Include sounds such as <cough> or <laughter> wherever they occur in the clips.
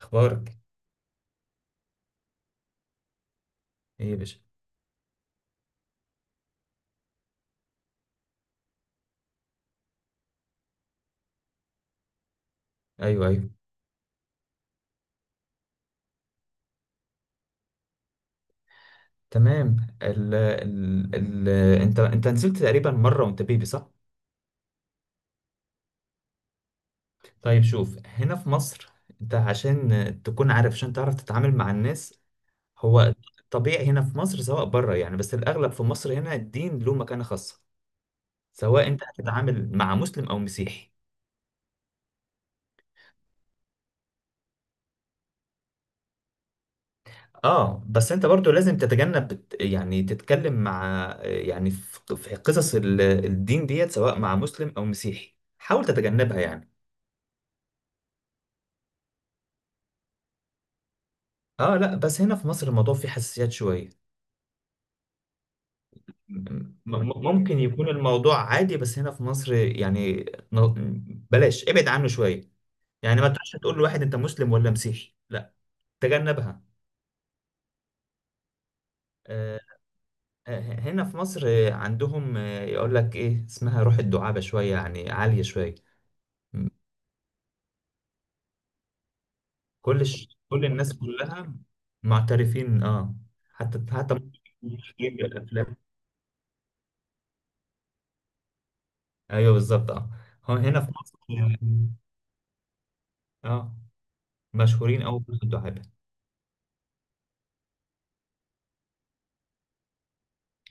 اخبارك ايه يا باشا؟ ايوه ايوه، تمام. ال ال ال انت نزلت تقريبا مره وانت بيبي صح؟ طيب، شوف هنا في مصر، انت عشان تكون عارف عشان تعرف تتعامل مع الناس، هو طبيعي هنا في مصر سواء بره، يعني بس الاغلب في مصر هنا الدين له مكانه خاصه، سواء انت هتتعامل مع مسلم او مسيحي. اه بس انت برضو لازم تتجنب يعني تتكلم مع، يعني في قصص الدين ديت سواء مع مسلم او مسيحي حاول تتجنبها يعني. اه لا بس هنا في مصر الموضوع فيه حساسيات شوية. ممكن يكون الموضوع عادي بس هنا في مصر يعني، بلاش، ابعد عنه شوية. يعني ما تروحش تقول لواحد انت مسلم ولا مسيحي، لا تجنبها. آه، هنا في مصر عندهم يقول لك ايه اسمها، روح الدعابة شوية يعني عالية شوية. م- كل كل الناس كلها معترفين، اه. حتى ممكن يكونوا في الافلام. ايوه بالظبط اه. هو هنا في مصر اه مشهورين أوي في الدعابة.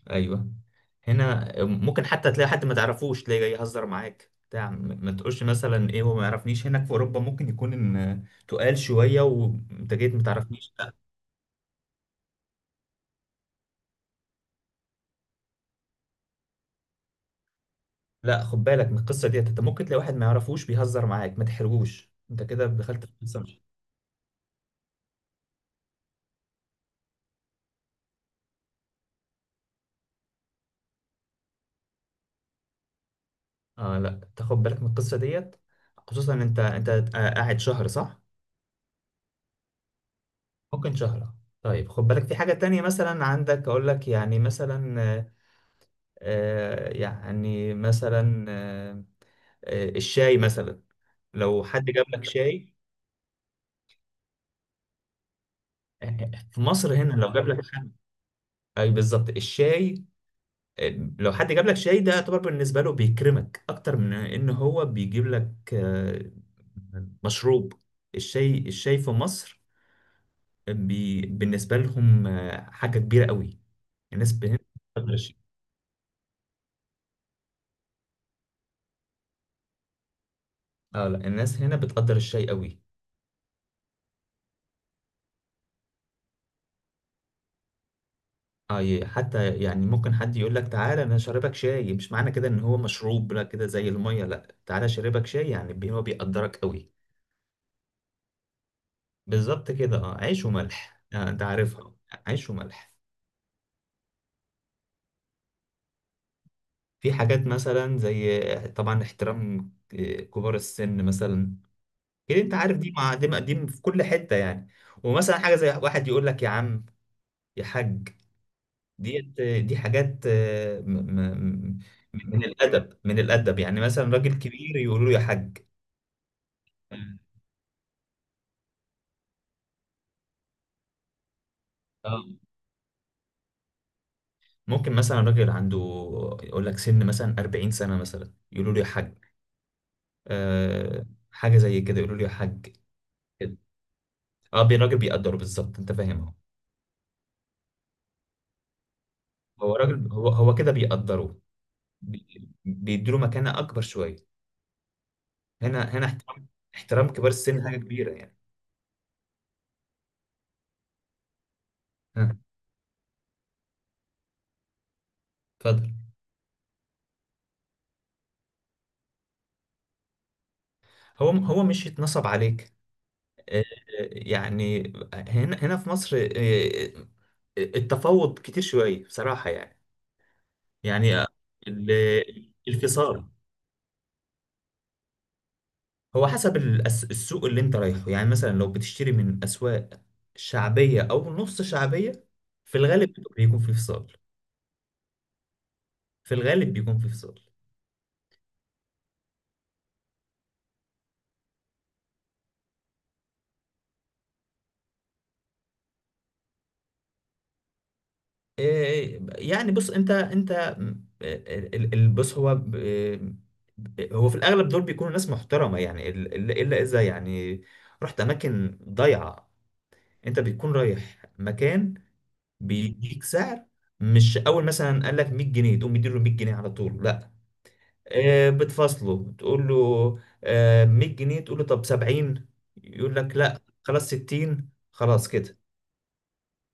أيوه، هنا ممكن حتى تلاقي حد ما تعرفوش تلاقي جاي يهزر معاك بتاع، ما تقولش مثلا ايه هو ما يعرفنيش، هناك في اوروبا ممكن يكون ان تقال شويه وانت جيت ما تعرفنيش، لا. لا خد بالك من القصه ديت، انت ممكن تلاقي واحد ما يعرفوش بيهزر معاك، ما تحرجوش انت كده دخلت في قصه مش. اه لا، تاخد بالك من القصه ديت. خصوصا انت قاعد شهر صح؟ ممكن شهر. طيب خد بالك في حاجه تانية، مثلا عندك اقول لك يعني مثلا، يعني مثلا الشاي مثلا، لو حد جاب لك شاي. <laughs> في مصر هنا لو جاب لك حد، اي بالظبط الشاي، آه، لو حد جاب لك شاي ده يعتبر بالنسبه له بيكرمك اكتر من ان هو بيجيب لك مشروب. الشاي في مصر بالنسبه لهم حاجه كبيره قوي. الناس هنا بتقدر الشاي. اه لا الناس هنا بتقدر الشاي قوي. اه حتى يعني ممكن حد يقول لك تعالى انا شاربك شاي، مش معنى كده ان هو مشروب، لا كده زي الميه، لا تعالى شاربك شاي يعني هو بيقدرك قوي. بالظبط كده، اه، عيش وملح، آه انت عارفها. عيش وملح. في حاجات مثلا زي طبعا احترام كبار السن مثلا، كده انت عارف، دي مع دي دي في كل حته يعني. ومثلا حاجه زي واحد يقول لك يا عم، يا حاج ديت، دي حاجات م- من الادب، من الادب، يعني مثلا راجل كبير يقول له يا حاج. آه، آه. ممكن مثلا راجل عنده، يقول لك سن مثلا 40 سنة مثلا، يقولوا له يا حاج. أه، حاجة زي كده يقولوا له يا حاج، كده، اه الراجل بيقدره بالظبط، انت فاهم اهو. هو راجل، هو كده بيقدره، بيديله مكانة أكبر شوية. هنا احترام، احترام كبار السن حاجة كبيرة يعني. ها، اتفضل. هو مش يتنصب عليك، آه، يعني هنا في مصر التفاوض كتير شوية بصراحة يعني. يعني ال- الانفصال، هو حسب السوق اللي انت رايحه، يعني مثلا لو بتشتري من اسواق شعبية او نص شعبية، في الغالب بيكون في فصال، في الغالب بيكون في فصال إيه، يعني بص انت بص هو هو في الاغلب دول بيكونوا ناس محترمة يعني الا إلا اذا يعني رحت اماكن ضايعة، انت بتكون رايح مكان بيديك سعر، مش اول مثلا قال لك 100 جنيه تقوم مديله 100 جنيه على طول، لا. بتفاصله، بتقول له 100 جنيه، تقول له طب 70، يقول لك لا خلاص 60، خلاص كده.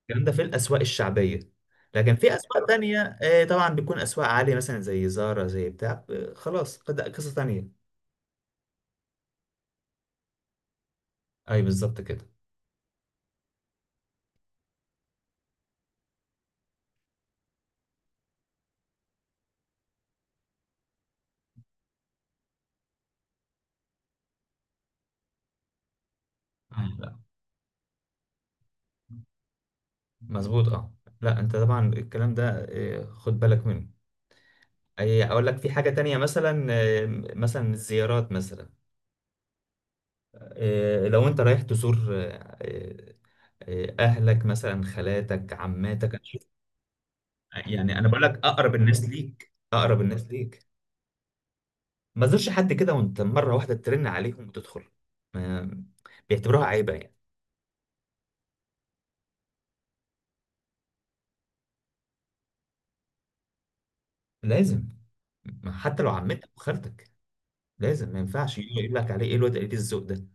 الكلام ده في الأسواق الشعبية، لكن في أسواق تانية طبعا بتكون أسواق عالية مثلا زي زارا زي بتاع، خلاص قصة تانية. أي بالظبط كده. لا مظبوط اه. لا انت طبعا الكلام ده خد بالك منه. أي، اقول لك في حاجة تانية مثلا مثلا الزيارات مثلا، لو انت رايح تزور اهلك مثلا خالاتك عماتك، يعني انا بقول لك، اقرب الناس ليك، ما تزورش حد كده وانت مره واحده ترن عليهم وتدخل، ما- بيعتبروها عيبه يعني. لازم، ما حتى لو عمتك وخالتك، لازم، ما ينفعش يجي يقول لك عليه ايه الواد قليل الذوق ده.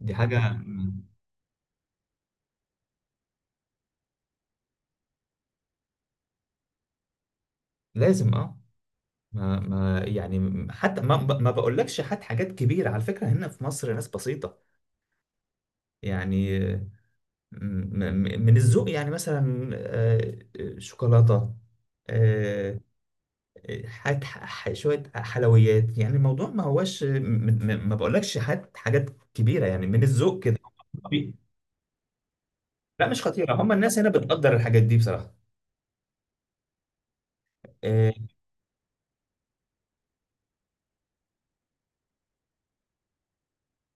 دي حاجه لازم، اه، ما يعني، حتى ما بقولكش حد حاجات كبيره، على فكره هنا في مصر ناس بسيطه يعني، م- من الذوق، يعني مثلا شوكولاتة، آه، حاجات شوية حلويات، يعني الموضوع ما هوش ما بقولكش حاجات، كبيرة يعني، من الذوق كده. طبيعي. لا مش خطيرة، هم الناس هنا بتقدر الحاجات دي بصراحة. آه،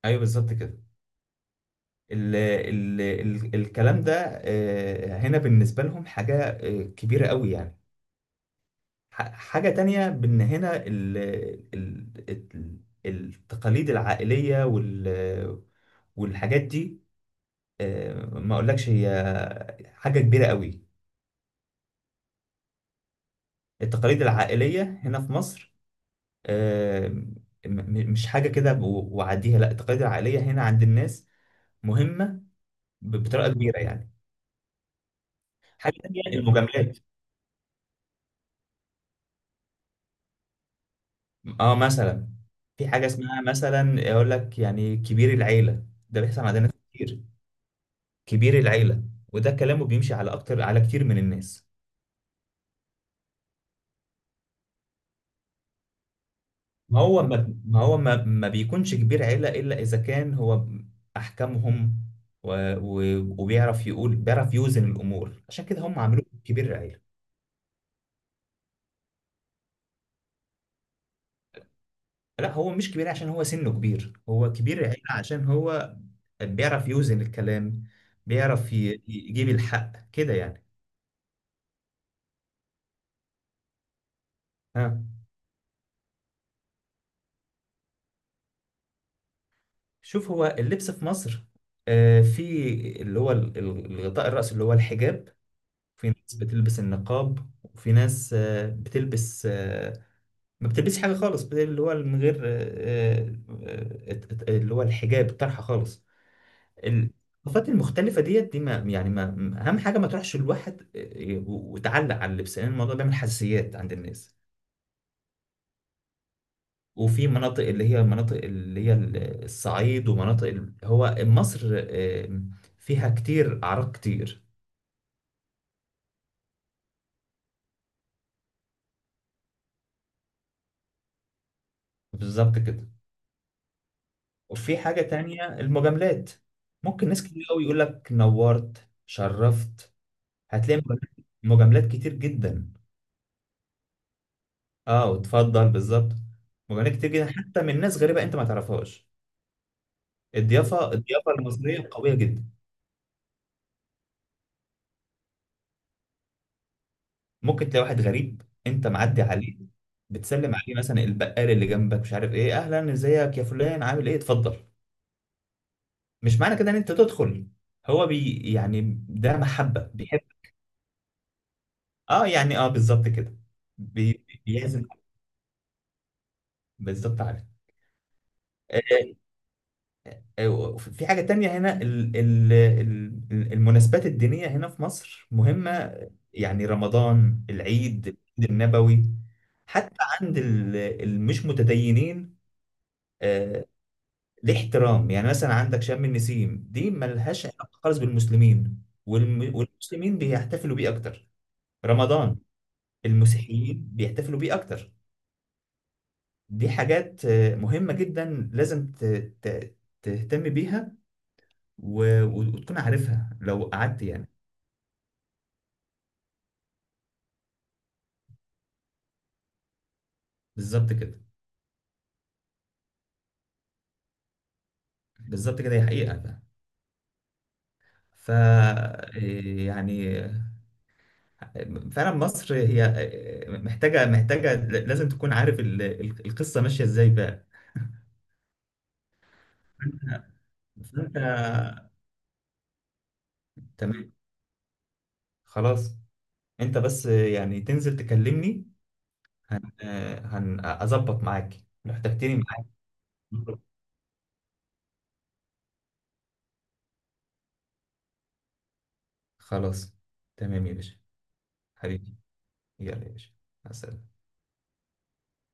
ايوه بالظبط كده. ال ال ال الكلام ده هنا بالنسبة لهم حاجة كبيرة قوي يعني. حاجة تانية، بإن هنا ال ال- التقاليد العائلية والحاجات دي، ما أقولكش هي حاجة كبيرة قوي. التقاليد العائلية هنا في مصر آه، م- مش حاجة كده وعديها، لا التقاليد العائلية هنا عند الناس مهمة، بطريقة كبيرة يعني. حاجة تانية، مم، المجاملات. اه مثلا في حاجة اسمها مثلا، أقول لك يعني كبير العيلة، ده بيحصل عند ناس كتير، كبير العيلة، وده كلامه بيمشي على أكتر، على كتير من الناس. ما هو ما, ما هو ما, ما بيكونش كبير عيلة إلا إذا كان هو أحكامهم و... و... وبيعرف يقول بيعرف يوزن الأمور، عشان كده هم عملوه كبير العيلة. لا هو مش كبير عشان هو سنه كبير، هو كبير العيلة عشان هو بيعرف يوزن الكلام، بيعرف يجيب الحق كده يعني. ها، شوف هو اللبس في مصر في اللي هو الغطاء الرأس اللي هو الحجاب، في ناس بتلبس النقاب، وفي ناس بتلبس ما بتلبسش حاجة خالص، اللي هو من غير آه، اللي هو الحجاب الطرحة خالص. الثقافات المختلفة ديت دي، ما يعني ما أهم حاجة ما تروحش الواحد وتعلق على اللبس، لأن الموضوع بيعمل حساسيات عند الناس. وفي مناطق اللي هي، الصعيد ومناطق هو مصر آه، فيها كتير، أعراق كتير. بالظبط كده. وفي حاجة تانية، المجاملات. ممكن ناس كتير قوي يقول لك نورت شرفت، هتلاقي مجاملات، مجاملات كتير جدا. اه وتفضل بالظبط، مجاملات كتير جدا حتى من ناس غريبة انت ما تعرفهاش. الضيافة، الضيافة المصرية قوية جدا. ممكن تلاقي واحد غريب انت معدي عليه بتسلم عليه، مثلا البقال اللي جنبك مش عارف ايه، اهلا ازيك يا فلان عامل ايه اتفضل، مش معنى كده ان انت تدخل، هو بي يعني ده محبة بيحب. اه يعني، اه بالظبط كده، بيعزم. بالظبط، عارف. آه، في حاجة تانية هنا، المناسبات الدينية هنا في مصر مهمة، يعني رمضان، العيد، العيد النبوي، حتى عند المش متدينين، آه، ليه احترام. يعني مثلا عندك شم النسيم، دي ملهاش علاقة خالص بالمسلمين، والمسلمين بيحتفلوا بيه أكتر، رمضان المسيحيين بيحتفلوا بيه أكتر. دي حاجات مهمة جدا لازم ت- تهتم بيها و... و- وتكون عارفها لو قعدت يعني. بالظبط كده بالظبط كده، هي حقيقة بقى. ف، إيه يعني، فعلا مصر هي إيه، محتاجة، لازم تكون عارف القصة ماشية ازاي بقى. فانت فأنت- تمام، خلاص، انت بس يعني تنزل تكلمني، هن هن اظبط معاك لو احتجتني معاك. خلاص، تمام يا باشا، حبيبي، يلا يا باشا، مع السلامة.